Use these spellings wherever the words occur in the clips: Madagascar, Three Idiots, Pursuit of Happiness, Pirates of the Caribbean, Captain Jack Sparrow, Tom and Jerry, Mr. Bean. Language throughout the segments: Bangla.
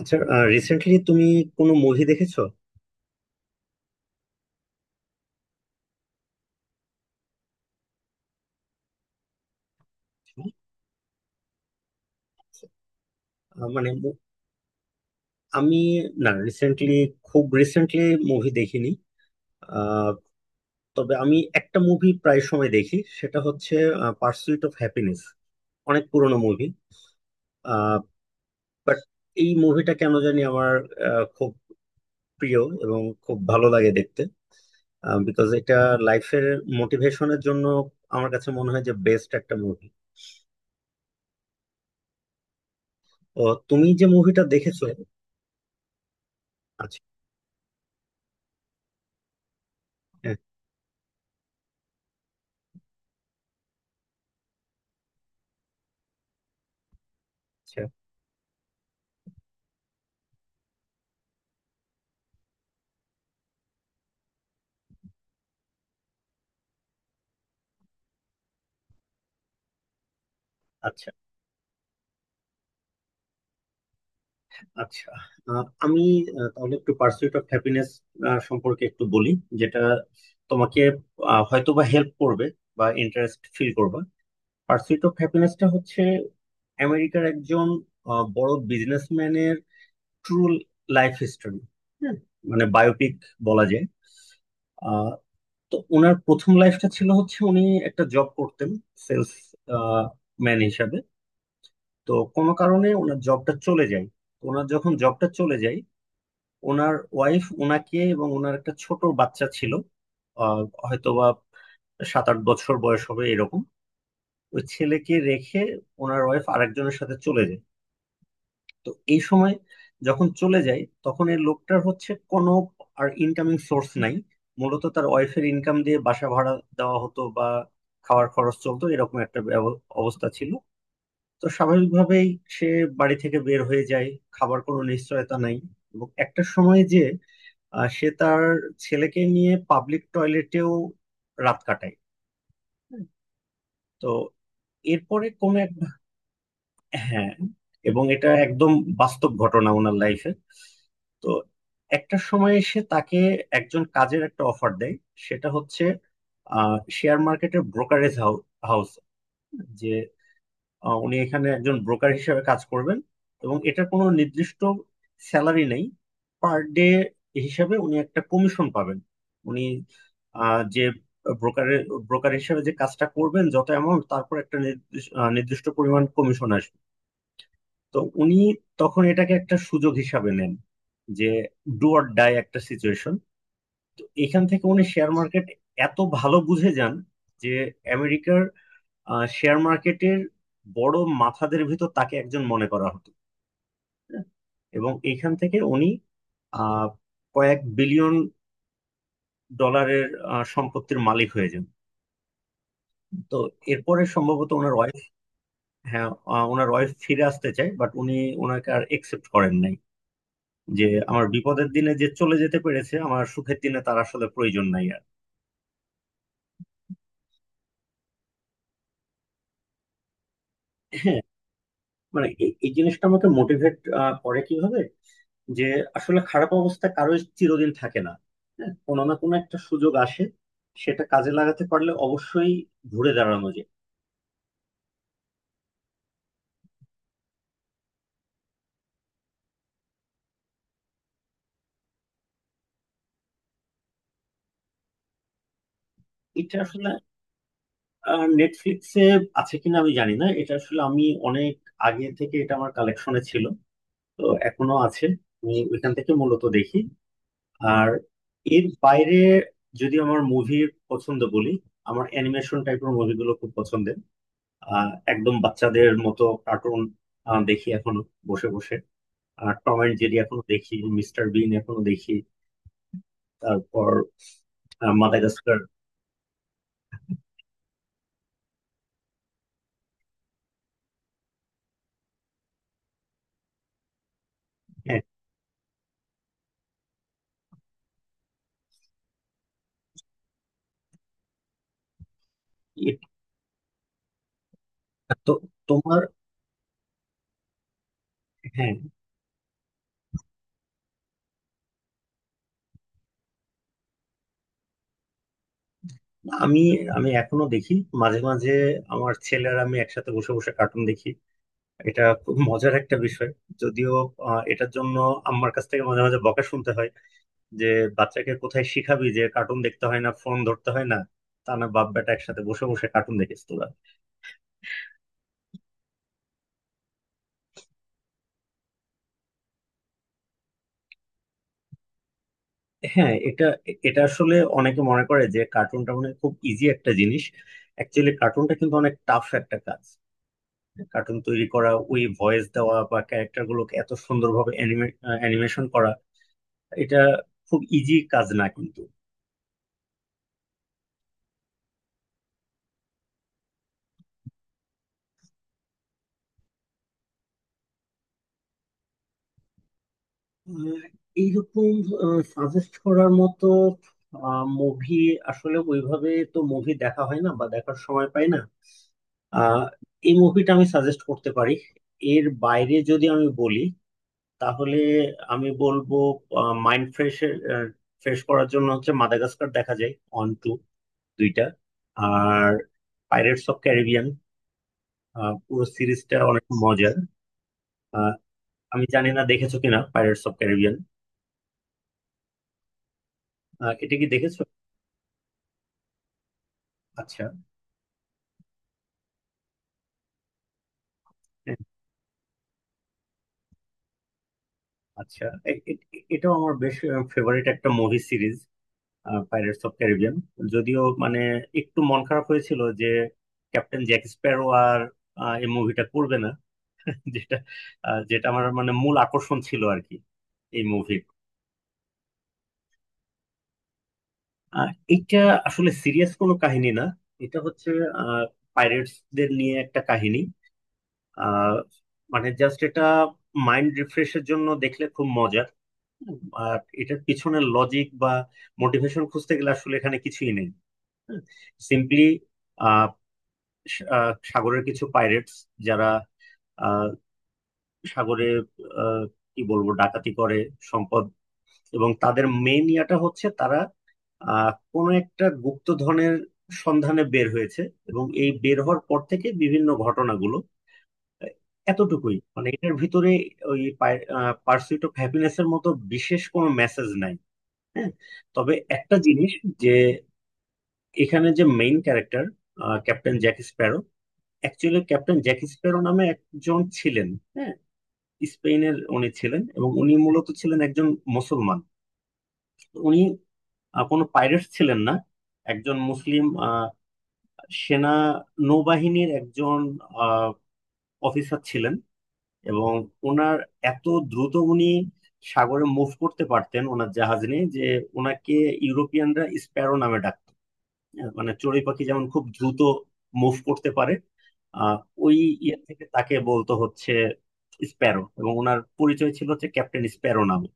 আচ্ছা, রিসেন্টলি তুমি কোনো মুভি দেখেছো? আহ, মানে মু- আমি না রিসেন্টলি, খুব রিসেন্টলি মুভি দেখিনি। আহ, তবে আমি একটা মুভি প্রায় সময় দেখি, সেটা হচ্ছে পার্সুইট অফ হ্যাপিনেস। অনেক পুরনো মুভি, বাট এই মুভিটা কেন জানি আমার খুব প্রিয় এবং খুব ভালো লাগে দেখতে। বিকজ এটা লাইফের মোটিভেশনের জন্য আমার কাছে মনে হয় যে বেস্ট একটা মুভি। ও, তুমি যে মুভিটা দেখেছো। আচ্ছা। হ্যাঁ। আচ্ছা। আচ্ছা, আচ্ছা। আমি, তাহলে একটু পার্সুইট অফ হ্যাপিনেস সম্পর্কে একটু বলি, যেটা তোমাকে হয়তো বা হেল্প করবে বা ইন্টারেস্ট ফিল করবে। পার্সুইট অফ হ্যাপিনেসটা হচ্ছে আমেরিকার একজন বড় বিজনেসম্যানের ট্রু লাইফ হিস্টোরি। হ্যাঁ, মানে বায়োপিক বলা যায়। আহ, তো ওনার প্রথম লাইফটা ছিল হচ্ছে উনি একটা জব করতেন, সেলস ম্যান হিসাবে। তো কোনো কারণে ওনার জবটা চলে যায়। তো ওনার যখন জবটা চলে যায়, ওনার ওয়াইফ ওনাকে এবং ওনার একটা ছোট বাচ্চা ছিল, আহ, হয়তোবা 7-8 বছর বয়স হবে এরকম, ওই ছেলেকে রেখে ওনার ওয়াইফ আরেকজনের সাথে চলে যায়। তো এই সময় যখন চলে যায়, তখন এই লোকটার হচ্ছে কোনো আর ইনকামিং সোর্স নাই। মূলত তার ওয়াইফের ইনকাম দিয়ে বাসা ভাড়া দেওয়া হতো বা খাওয়ার খরচ চলতো, এরকম একটা অবস্থা ছিল। তো স্বাভাবিকভাবেই সে বাড়ি থেকে বের হয়ে যায়, খাবার কোনো নিশ্চয়তা নাই। এবং একটা সময় যে সে তার ছেলেকে নিয়ে পাবলিক টয়লেটেও রাত কাটায়। হুম। তো এরপরে কোন এক, হ্যাঁ, এবং এটা একদম বাস্তব ঘটনা ওনার লাইফে। তো একটা সময় এসে তাকে একজন কাজের একটা অফার দেয়, সেটা হচ্ছে শেয়ার মার্কেটের ব্রোকারেজ হাউস, যে উনি এখানে একজন ব্রোকার হিসেবে কাজ করবেন। এবং এটা কোনো নির্দিষ্ট স্যালারি নেই, পার ডে হিসাবে উনি একটা কমিশন পাবেন। উনি আহ, যে ব্রোকারের ব্রোকার হিসেবে যে কাজটা করবেন, যত অ্যামাউন্ট, তারপর একটা নির্দিষ্ট নির্দিষ্ট পরিমাণ কমিশন আসবে। তো উনি তখন এটাকে একটা সুযোগ হিসাবে নেন, যে ডু অর ডাই একটা সিচুয়েশন। তো এখান থেকে উনি শেয়ার মার্কেট এত ভালো বুঝে যান, যে আমেরিকার শেয়ার মার্কেটের বড় মাথাদের ভিতর তাকে একজন মনে করা হতো। হ্যাঁ, এবং এইখান থেকে উনি আহ, কয়েক বিলিয়ন ডলারের সম্পত্তির মালিক হয়ে যান। তো এরপরে সম্ভবত ওনার ওয়াইফ, হ্যাঁ, ওনার ওয়াইফ ফিরে আসতে চায়, বাট উনি ওনাকে আর একসেপ্ট করেন নাই, যে আমার বিপদের দিনে যে চলে যেতে পেরেছে, আমার সুখের দিনে তার আসলে প্রয়োজন নাই আর। হ্যাঁ, মানে এই এই জিনিসটা আমাকে মোটিভেট করে, কিভাবে যে আসলে খারাপ অবস্থা কারোর চিরদিন থাকে না। হ্যাঁ, কোনো না কোনো একটা সুযোগ আসে, সেটা কাজে লাগাতে পারলে অবশ্যই ঘুরে দাঁড়ানো যায়। এটা আসলে নেটফ্লিক্সে আছে কিনা আমি জানি না, এটা আসলে আমি অনেক আগে থেকে এটা আমার কালেকশনে ছিল, তো এখনো আছে। আমি ওইখান থেকে মূলত দেখি। আর এর বাইরে যদি আমার মুভির পছন্দ বলি, আমার অ্যানিমেশন টাইপের মুভিগুলো খুব পছন্দের। একদম বাচ্চাদের মতো কার্টুন দেখি এখনো, বসে বসে। আর টম অ্যান্ড জেরি এখনো দেখি, মিস্টার বিন এখনো দেখি। তারপর মাদাগাস্কার। হ্যাঁ। এ- তো তোমার, হ্যাঁ। আমি আমি এখনো দেখি মাঝে মাঝে। আমার ছেলে আর আমি একসাথে বসে বসে কার্টুন দেখি, এটা খুব মজার একটা বিষয়। যদিও এটার জন্য আমার কাছ থেকে মাঝে মাঝে বকা শুনতে হয়, যে বাচ্চাকে কোথায় শিখাবি যে কার্টুন দেখতে হয় না, ফোন ধরতে হয় না, তা না, বাপ বেটা একসাথে বসে বসে কার্টুন দেখিস তোরা। হ্যাঁ, এটা এটা আসলে অনেকে মনে করে যে কার্টুনটা মানে খুব ইজি একটা জিনিস। অ্যাকচুয়ালি কার্টুনটা কিন্তু অনেক টাফ একটা কাজ। কার্টুন তৈরি করা, ওই ভয়েস দেওয়া বা ক্যারেক্টার গুলোকে এত সুন্দরভাবে অ্যানিমেশন করা, এটা খুব ইজি কাজ না কিন্তু। আহ, এইরকম সাজেস্ট করার মতো মুভি আসলে ওইভাবে তো মুভি দেখা হয় না বা দেখার সময় পাই না। আহ, এই মুভিটা আমি সাজেস্ট করতে পারি। এর বাইরে যদি আমি বলি, তাহলে আমি বলবো মাইন্ড ফ্রেশ, ফ্রেশ করার জন্য হচ্ছে মাদাগাস্কার দেখা যায়, অন টু, দুইটা। আর পাইরেটস অফ ক্যারিবিয়ান, পুরো সিরিজটা অনেক মজার। আহ, আমি জানি না দেখেছো কিনা পাইরেটস অফ ক্যারিবিয়ান, এটা কি দেখেছো? আচ্ছা। হ্যাঁ, আচ্ছা। এটাও আমার বেশ ফেভারিট একটা movie series, pirates of Caribbean. যদিও মানে একটু মন খারাপ হয়েছিল যে ক্যাপ্টেন জ্যাক স্প্যারো আর এই মুভিটা করবে না, যেটা যেটা আমার মানে মূল আকর্ষণ ছিল আর কি এই মুভির। আর এটা আসলে সিরিয়াস কোনো কাহিনী না। এটা হচ্ছে পাইরেটস দের নিয়ে একটা কাহিনী। আহ, মানে জাস্ট এটা মাইন্ড রিফ্রেশের জন্য দেখলে খুব মজার। আর এটার পিছনে লজিক বা মোটিভেশন খুঁজতে গেলে আসলে এখানে কিছুই নেই। সিম্পলি সাগরের কিছু পাইরেটস, যারা আহ, সাগরে আহ, কি বলবো, ডাকাতি করে সম্পদ। এবং তাদের মেইন ইয়াটা হচ্ছে তারা কোনো একটা গুপ্ত ধনের সন্ধানে বের হয়েছে, এবং এই বের হওয়ার পর থেকে বিভিন্ন ঘটনাগুলো আহ, এতটুকুই, মানে এটার ভিতরে ওই পার্সুইট অফ হ্যাপিনেস এর মতো বিশেষ কোনো মেসেজ নাই। হ্যাঁ, তবে একটা জিনিস, যে এখানে যে main character captain Jack Sparrow, actually captain Jack Sparrow নামে একজন ছিলেন। হ্যাঁ, স্পেনের উনি ছিলেন এবং উনি মূলত ছিলেন একজন মুসলমান। উনি কোনো পাইরেট ছিলেন না, একজন মুসলিম সেনা, নৌবাহিনীর একজন আহ, অফিসার ছিলেন। এবং ওনার এত দ্রুত উনি সাগরে মুভ করতে পারতেন ওনার জাহাজ নিয়ে, যে ওনাকে ইউরোপিয়ানরা স্প্যারো নামে ডাকতো। মানে চড়ুই পাখি যেমন খুব দ্রুত মুভ করতে পারে, আহ ওই ইয়ে থেকে তাকে বলতো হচ্ছে স্প্যারো, এবং ওনার পরিচয় ছিল হচ্ছে ক্যাপ্টেন স্প্যারো নামে।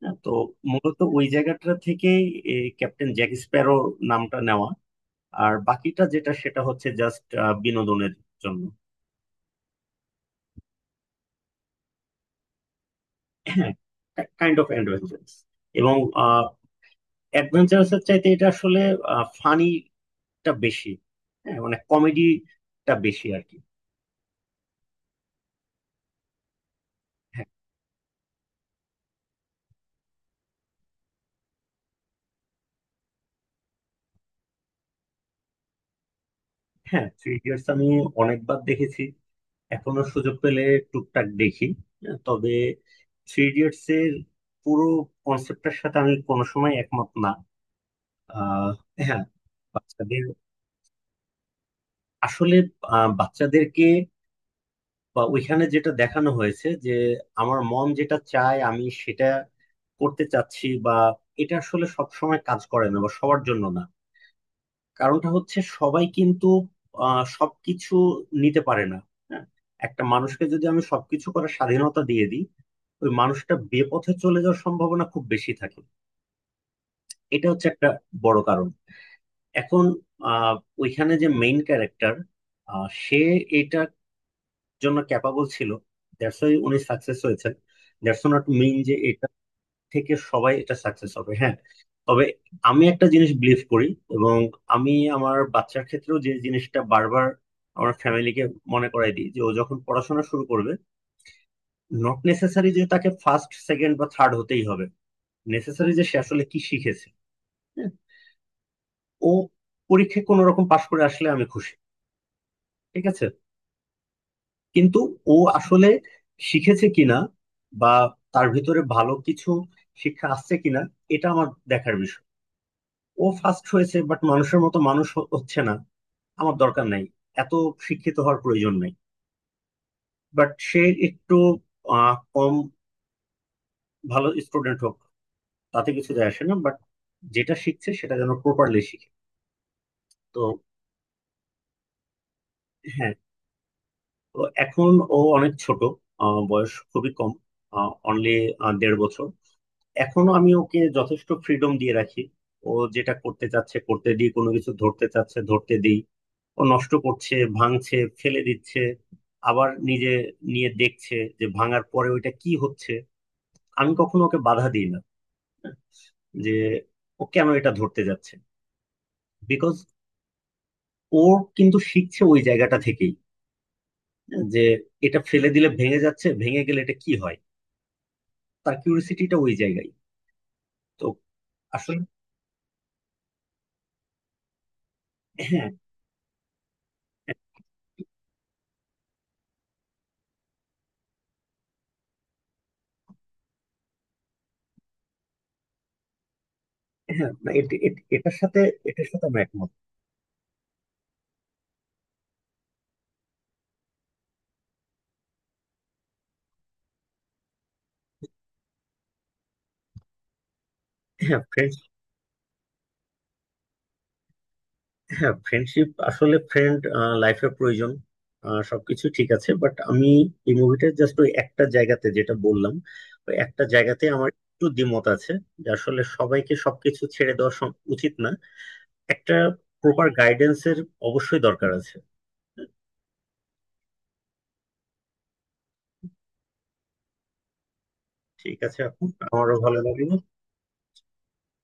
হ্যাঁ, তো মূলত ওই জায়গাটা থেকেই এই ক্যাপ্টেন জ্যাক স্প্যারো নামটা নেওয়া। আর বাকিটা যেটা, সেটা হচ্ছে জাস্ট বিনোদনের জন্য। কাইন্ড অফ অ্যাডভেঞ্চারাস, এবং অ্যাডভেঞ্চারাসের চাইতে এটা আসলে ফানিটা বেশি। হ্যাঁ, মানে কমেডিটা বেশি আর কি। হ্যাঁ, হ্যাঁ, থ্রি ইডিয়টস আমি অনেকবার দেখেছি। এখনো সুযোগ পেলে টুকটাক দেখি। হ্যাঁ, তবে থ্রি ইডিয়টস এর পুরো কনসেপ্টের সাথে আমি কোনো সময় একমত না। আহ, হ্যাঁ, বাচ্চাদের আসলে, বাচ্চাদেরকে বা ওইখানে যেটা দেখানো হয়েছে যে আমার মন যেটা চায় আমি সেটা করতে চাচ্ছি বা, এটা আসলে সব সময় কাজ করে না বা সবার জন্য না। কারণটা হচ্ছে সবাই কিন্তু সবকিছু নিতে পারে না। হ্যাঁ, একটা মানুষকে যদি আমি সবকিছু করার স্বাধীনতা দিয়ে দিই, ওই মানুষটা বেপথে চলে যাওয়ার সম্ভাবনা খুব বেশি থাকে। এটা হচ্ছে একটা বড় কারণ। এখন আহ ওইখানে যে মেইন ক্যারেক্টার, সে এটা জন্য ক্যাপাবল ছিল, দ্যাটস ওয়াই উনি সাকসেস হয়েছেন। দ্যাটস নট মিন যে এটা থেকে সবাই এটা সাকসেস হবে। হ্যাঁ, তবে আমি একটা জিনিস বিলিভ করি, এবং আমি আমার বাচ্চার ক্ষেত্রেও যে জিনিসটা বারবার আমার ফ্যামিলিকে মনে করাই দিই, যে ও যখন পড়াশোনা শুরু করবে, নট নেসেসারি যে তাকে ফার্স্ট সেকেন্ড বা থার্ড হতেই হবে। নেসেসারি যে সে আসলে কি শিখেছে। হ্যাঁ, ও পরীক্ষায় কোনো রকম পাশ করে আসলে আমি খুশি, ঠিক আছে। কিন্তু ও আসলে শিখেছে কিনা, বা তার ভিতরে ভালো কিছু শিক্ষা আসছে কিনা, এটা আমার দেখার বিষয়। ও ফার্স্ট হয়েছে বাট মানুষের মতো মানুষ হচ্ছে না, আমার দরকার নাই। এত শিক্ষিত হওয়ার প্রয়োজন নাই, বাট সে একটু কম ভালো স্টুডেন্ট হোক, তাতে কিছু যায় আসে না, বাট যেটা শিখছে সেটা যেন প্রপারলি শিখে। তো হ্যাঁ, তো এখন ও অনেক ছোট, বয়স খুবই কম, অনলি 1.5 বছর। এখনো আমি ওকে যথেষ্ট ফ্রিডম দিয়ে রাখি। ও যেটা করতে চাচ্ছে করতে দিই, কোনো কিছু ধরতে চাচ্ছে ধরতে দিই। ও নষ্ট করছে, ভাঙছে, ফেলে দিচ্ছে, আবার নিজে নিয়ে দেখছে যে ভাঙার পরে ওইটা কি হচ্ছে। আমি কখনো ওকে বাধা দিই না যে ও কেন এটা ধরতে যাচ্ছে, বিকজ ও কিন্তু শিখছে ওই জায়গাটা থেকেই। হ্যাঁ, যে এটা ফেলে দিলে ভেঙে যাচ্ছে, ভেঙে গেলে এটা কি হয়, তার কিউরিসিটিটা ওই জায়গায়। তো আসলে, হ্যাঁ, হ্যাঁ, হ্যাঁ, না, এটার সাথে, এটার সাথে আমি একমত। হ্যাঁ ফ্রেন্ড, হ্যাঁ ফ্রেন্ডশিপ, আসলে ফ্রেন্ড লাইফে প্রয়োজন। সবকিছু ঠিক আছে, বাট আমি এই মুভিটা জাস্ট ওই একটা জায়গাতে যেটা বললাম, ওই একটা জায়গাতে আমার একটু দ্বিমত আছে, যে আসলে সবাইকে সবকিছু ছেড়ে দেওয়া উচিত না। একটা প্রপার গাইডেন্সের অবশ্যই দরকার আছে। ঠিক আছে আপু, আমারও ভালো লাগলো।